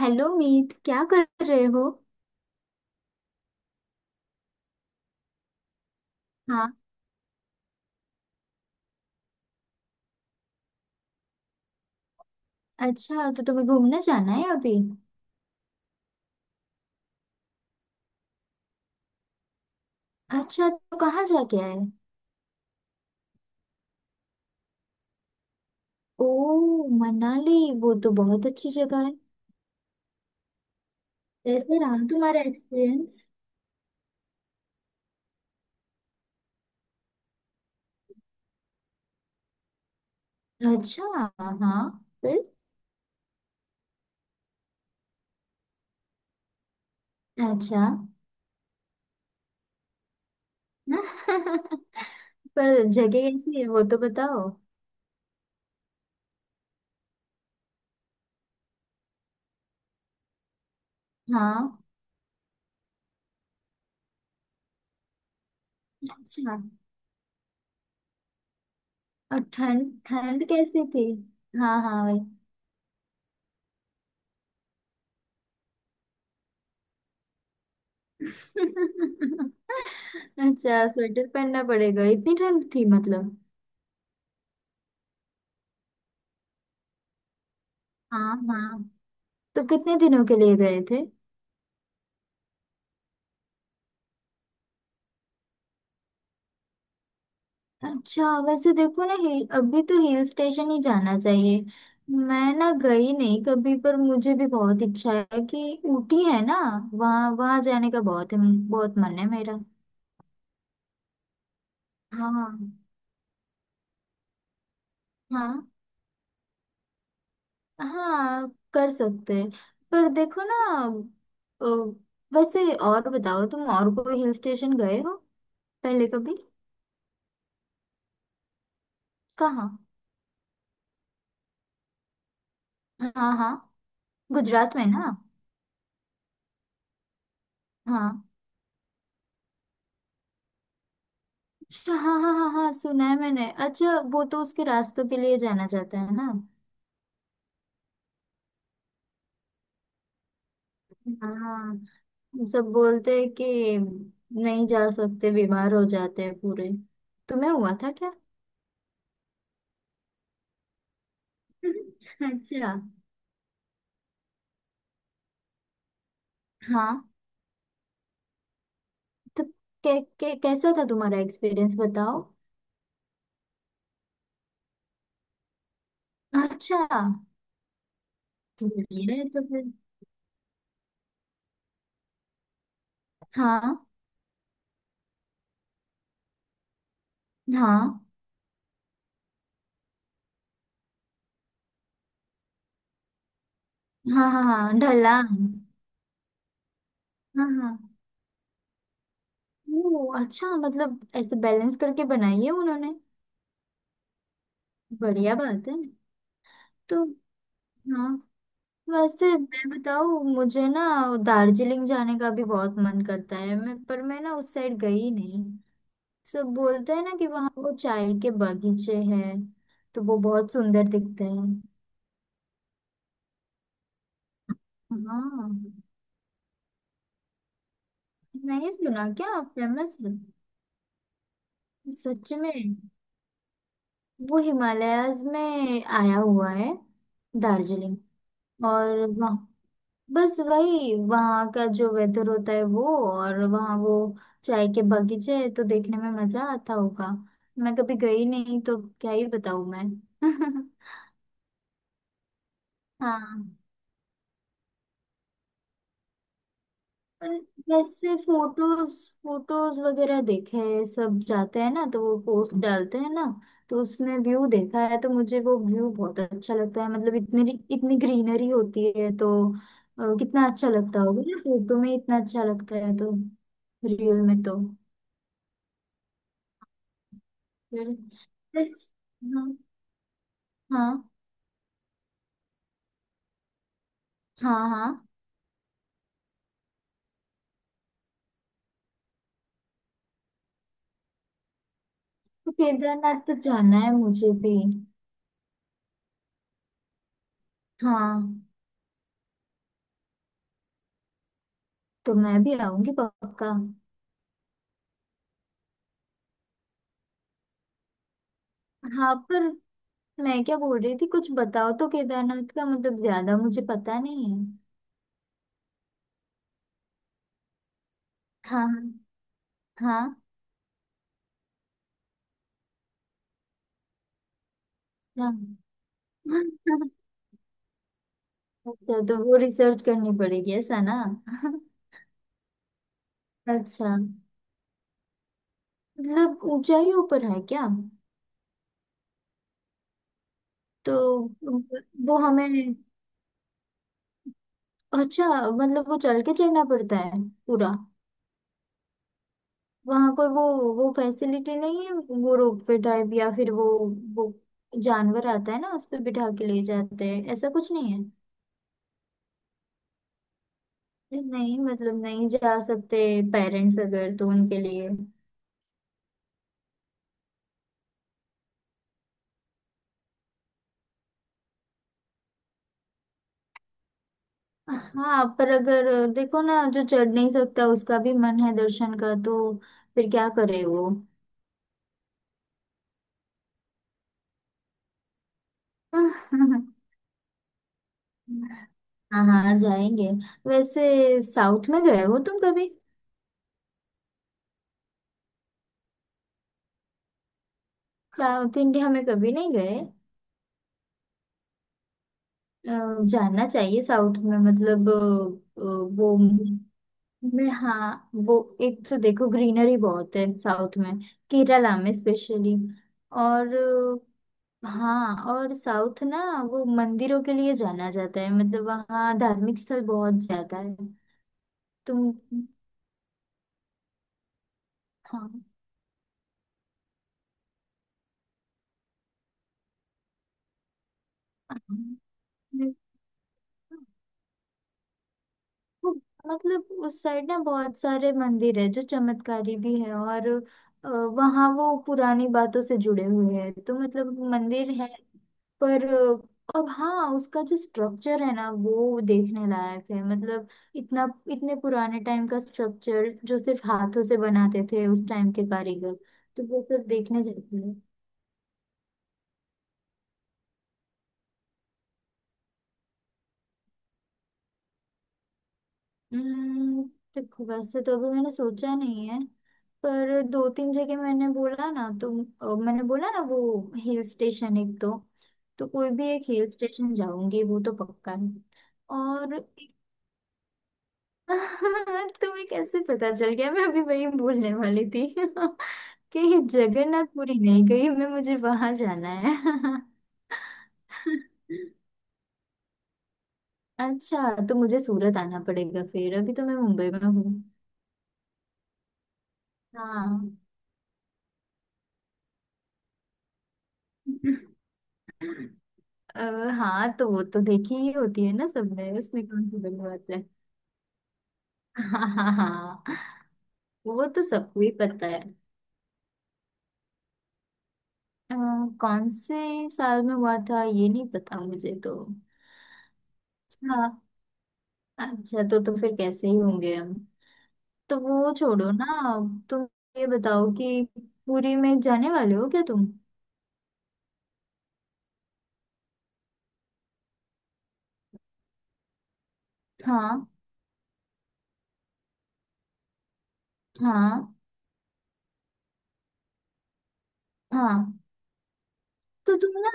Hello Meet क्या कर रहे हो। हाँ। अच्छा तो तुम्हें घूमने जाना है अभी। अच्छा तो कहाँ जाके आए। ओ मनाली वो तो बहुत अच्छी जगह है। कैसे रहा तुम्हारा एक्सपीरियंस। अच्छा। हाँ। फिर। अच्छा। पर जगह कैसी है वो तो बताओ। हाँ। अच्छा। और ठंड ठंड कैसी थी। हाँ हाँ भाई। अच्छा स्वेटर पहनना पड़ेगा इतनी ठंड थी मतलब। हाँ। हाँ तो कितने दिनों के लिए गए थे। अच्छा वैसे देखो ना हिल अभी तो हिल स्टेशन ही जाना चाहिए। मैं ना गई नहीं कभी पर मुझे भी बहुत इच्छा है कि ऊटी है ना। वहाँ वहाँ जाने का बहुत बहुत मन है मेरा। हाँ। हाँ हाँ कर सकते हैं। पर देखो ना अ, वैसे और बताओ तुम और कोई हिल स्टेशन गए हो पहले कभी। कहाँ। हाँ हाँ गुजरात में ना। हाँ। अच्छा हाँ हाँ हाँ हाँ सुना है मैंने। अच्छा वो तो उसके रास्तों के लिए जाना चाहता है ना। हाँ। सब बोलते हैं कि नहीं जा सकते बीमार हो जाते हैं पूरे। तुम्हें हुआ था क्या। अच्छा। हाँ तो कै, कै, कैसा था तुम्हारा एक्सपीरियंस बताओ। अच्छा। ये तो फिर। हाँ हाँ हाँ हाँ हाँ ढलान। हाँ हाँ। ओ अच्छा मतलब ऐसे बैलेंस करके बनाई है उन्होंने। बढ़िया बात है। तो हाँ वैसे मैं बताऊँ मुझे ना दार्जिलिंग जाने का भी बहुत मन करता है मैं पर मैं ना उस साइड गई नहीं। सब बोलते हैं ना कि वहाँ वो चाय के बागीचे हैं तो वो बहुत सुंदर दिखते हैं। हाँ। नहीं सुना क्या फेमस है। सच में वो हिमालयाज में आया हुआ है दार्जिलिंग। और वहाँ बस वही वहाँ का जो वेदर होता है वो। और वहाँ वो चाय के बगीचे है तो देखने में मजा आता होगा। मैं कभी गई नहीं तो क्या ही बताऊँ मैं। हाँ पर वैसे फोटोज फोटोज वगैरह देखे हैं, सब जाते हैं ना तो वो पोस्ट डालते हैं ना। तो उसमें व्यू देखा है तो मुझे वो व्यू बहुत अच्छा लगता है मतलब इतनी इतनी ग्रीनरी होती है तो कितना अच्छा लगता होगा ना फोटो में इतना अच्छा लगता है तो रियल में तो फिर बस, हाँ। हाँ हाँ हाँ तो केदारनाथ तो जाना है मुझे भी। हाँ। तो मैं भी आऊंगी पक्का। हाँ पर मैं क्या बोल रही थी कुछ बताओ तो केदारनाथ का मतलब ज्यादा मुझे पता नहीं है। हाँ हाँ हाँ हाँ। अच्छा तो वो रिसर्च करनी पड़ेगी ऐसा ना। अच्छा मतलब ऊंचाइयों पर है क्या। तो वो हमें अच्छा मतलब वो चल के चलना पड़ता है पूरा। वहां कोई वो फैसिलिटी नहीं है। वो रोप वे टाइप या फिर वो जानवर आता है ना उस पे बिठा के ले जाते हैं ऐसा कुछ नहीं है। अरे नहीं मतलब नहीं जा सकते पेरेंट्स अगर तो उनके लिए। हाँ पर अगर देखो ना जो चढ़ नहीं सकता उसका भी मन है दर्शन का तो फिर क्या करे वो। हाँ हाँ जाएंगे। वैसे साउथ में गए हो तुम कभी। साउथ इंडिया में कभी नहीं गए। अ, जाना चाहिए साउथ में मतलब वो में हाँ वो एक तो देखो ग्रीनरी बहुत है साउथ में। केरला में स्पेशली। और हाँ और साउथ ना वो मंदिरों के लिए जाना जाता है मतलब वहाँ धार्मिक स्थल बहुत ज्यादा है। तुम। हाँ मतलब उस साइड ना बहुत सारे मंदिर है जो चमत्कारी भी है और वहाँ वो पुरानी बातों से जुड़े हुए हैं तो मतलब मंदिर है। पर और हाँ उसका जो स्ट्रक्चर है ना वो देखने लायक है मतलब इतना इतने पुराने टाइम का स्ट्रक्चर जो सिर्फ हाथों से बनाते थे उस टाइम के कारीगर। तो वो सब देखने जाते हैं। हम्म, देखो वैसे तो अभी मैंने सोचा नहीं है पर दो तीन जगह मैंने बोला ना तो मैंने बोला ना वो हिल स्टेशन एक दो तो कोई भी एक हिल स्टेशन जाऊंगी वो तो पक्का है। और तुम्हें कैसे पता चल गया मैं अभी वही बोलने वाली थी। कि जगन्नाथपुरी नहीं गई मैं मुझे वहां जाना है। अच्छा तो मुझे सूरत आना पड़ेगा फिर अभी तो मैं मुंबई में हूँ। हाँ। अ, हाँ तो वो तो देखी ही होती है ना सबने उसमें कौन सी बड़ी बात है। हाँ हाँ हाँ वो तो सबको ही पता है। अ, कौन से साल में हुआ था ये नहीं पता मुझे तो। हाँ। अच्छा तो फिर कैसे ही होंगे हम। तो वो छोड़ो ना तुम ये बताओ कि पुरी में जाने वाले हो क्या तुम। हाँ। हाँ। हाँ तो तुम ना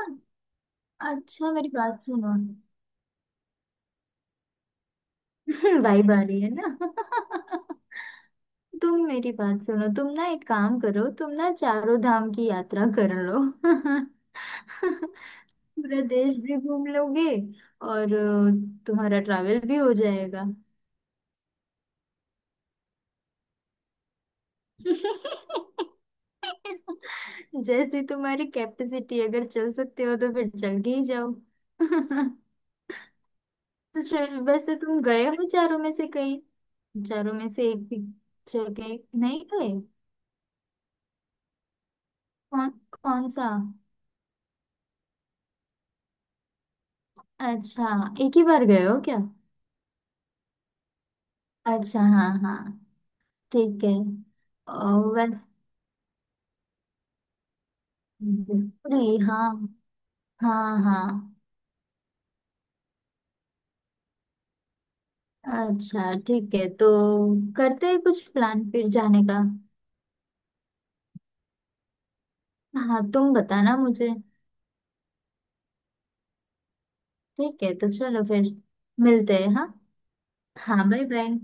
अच्छा मेरी बात सुनो। भाई बारी है ना। तुम मेरी बात सुनो तुम ना एक काम करो तुम ना चारों धाम की यात्रा कर लो। पूरा देश भी घूम लोगे और तुम्हारा ट्रैवल भी हो जाएगा। जैसी तुम्हारी कैपेसिटी अगर चल सकते हो तो फिर चल के ही जाओ। तो वैसे तुम गए हो चारों में से कहीं। चारों में से एक भी जगह नहीं गए। कौन कौन सा। अच्छा एक ही बार गए हो क्या। अच्छा हाँ हाँ ठीक है। और वैस भोजपुरी हाँ। हाँ हाँ अच्छा ठीक है तो करते हैं कुछ प्लान फिर जाने का। हाँ तुम बताना मुझे। ठीक है तो चलो फिर मिलते हैं हाँ। हाँ बाय बाय।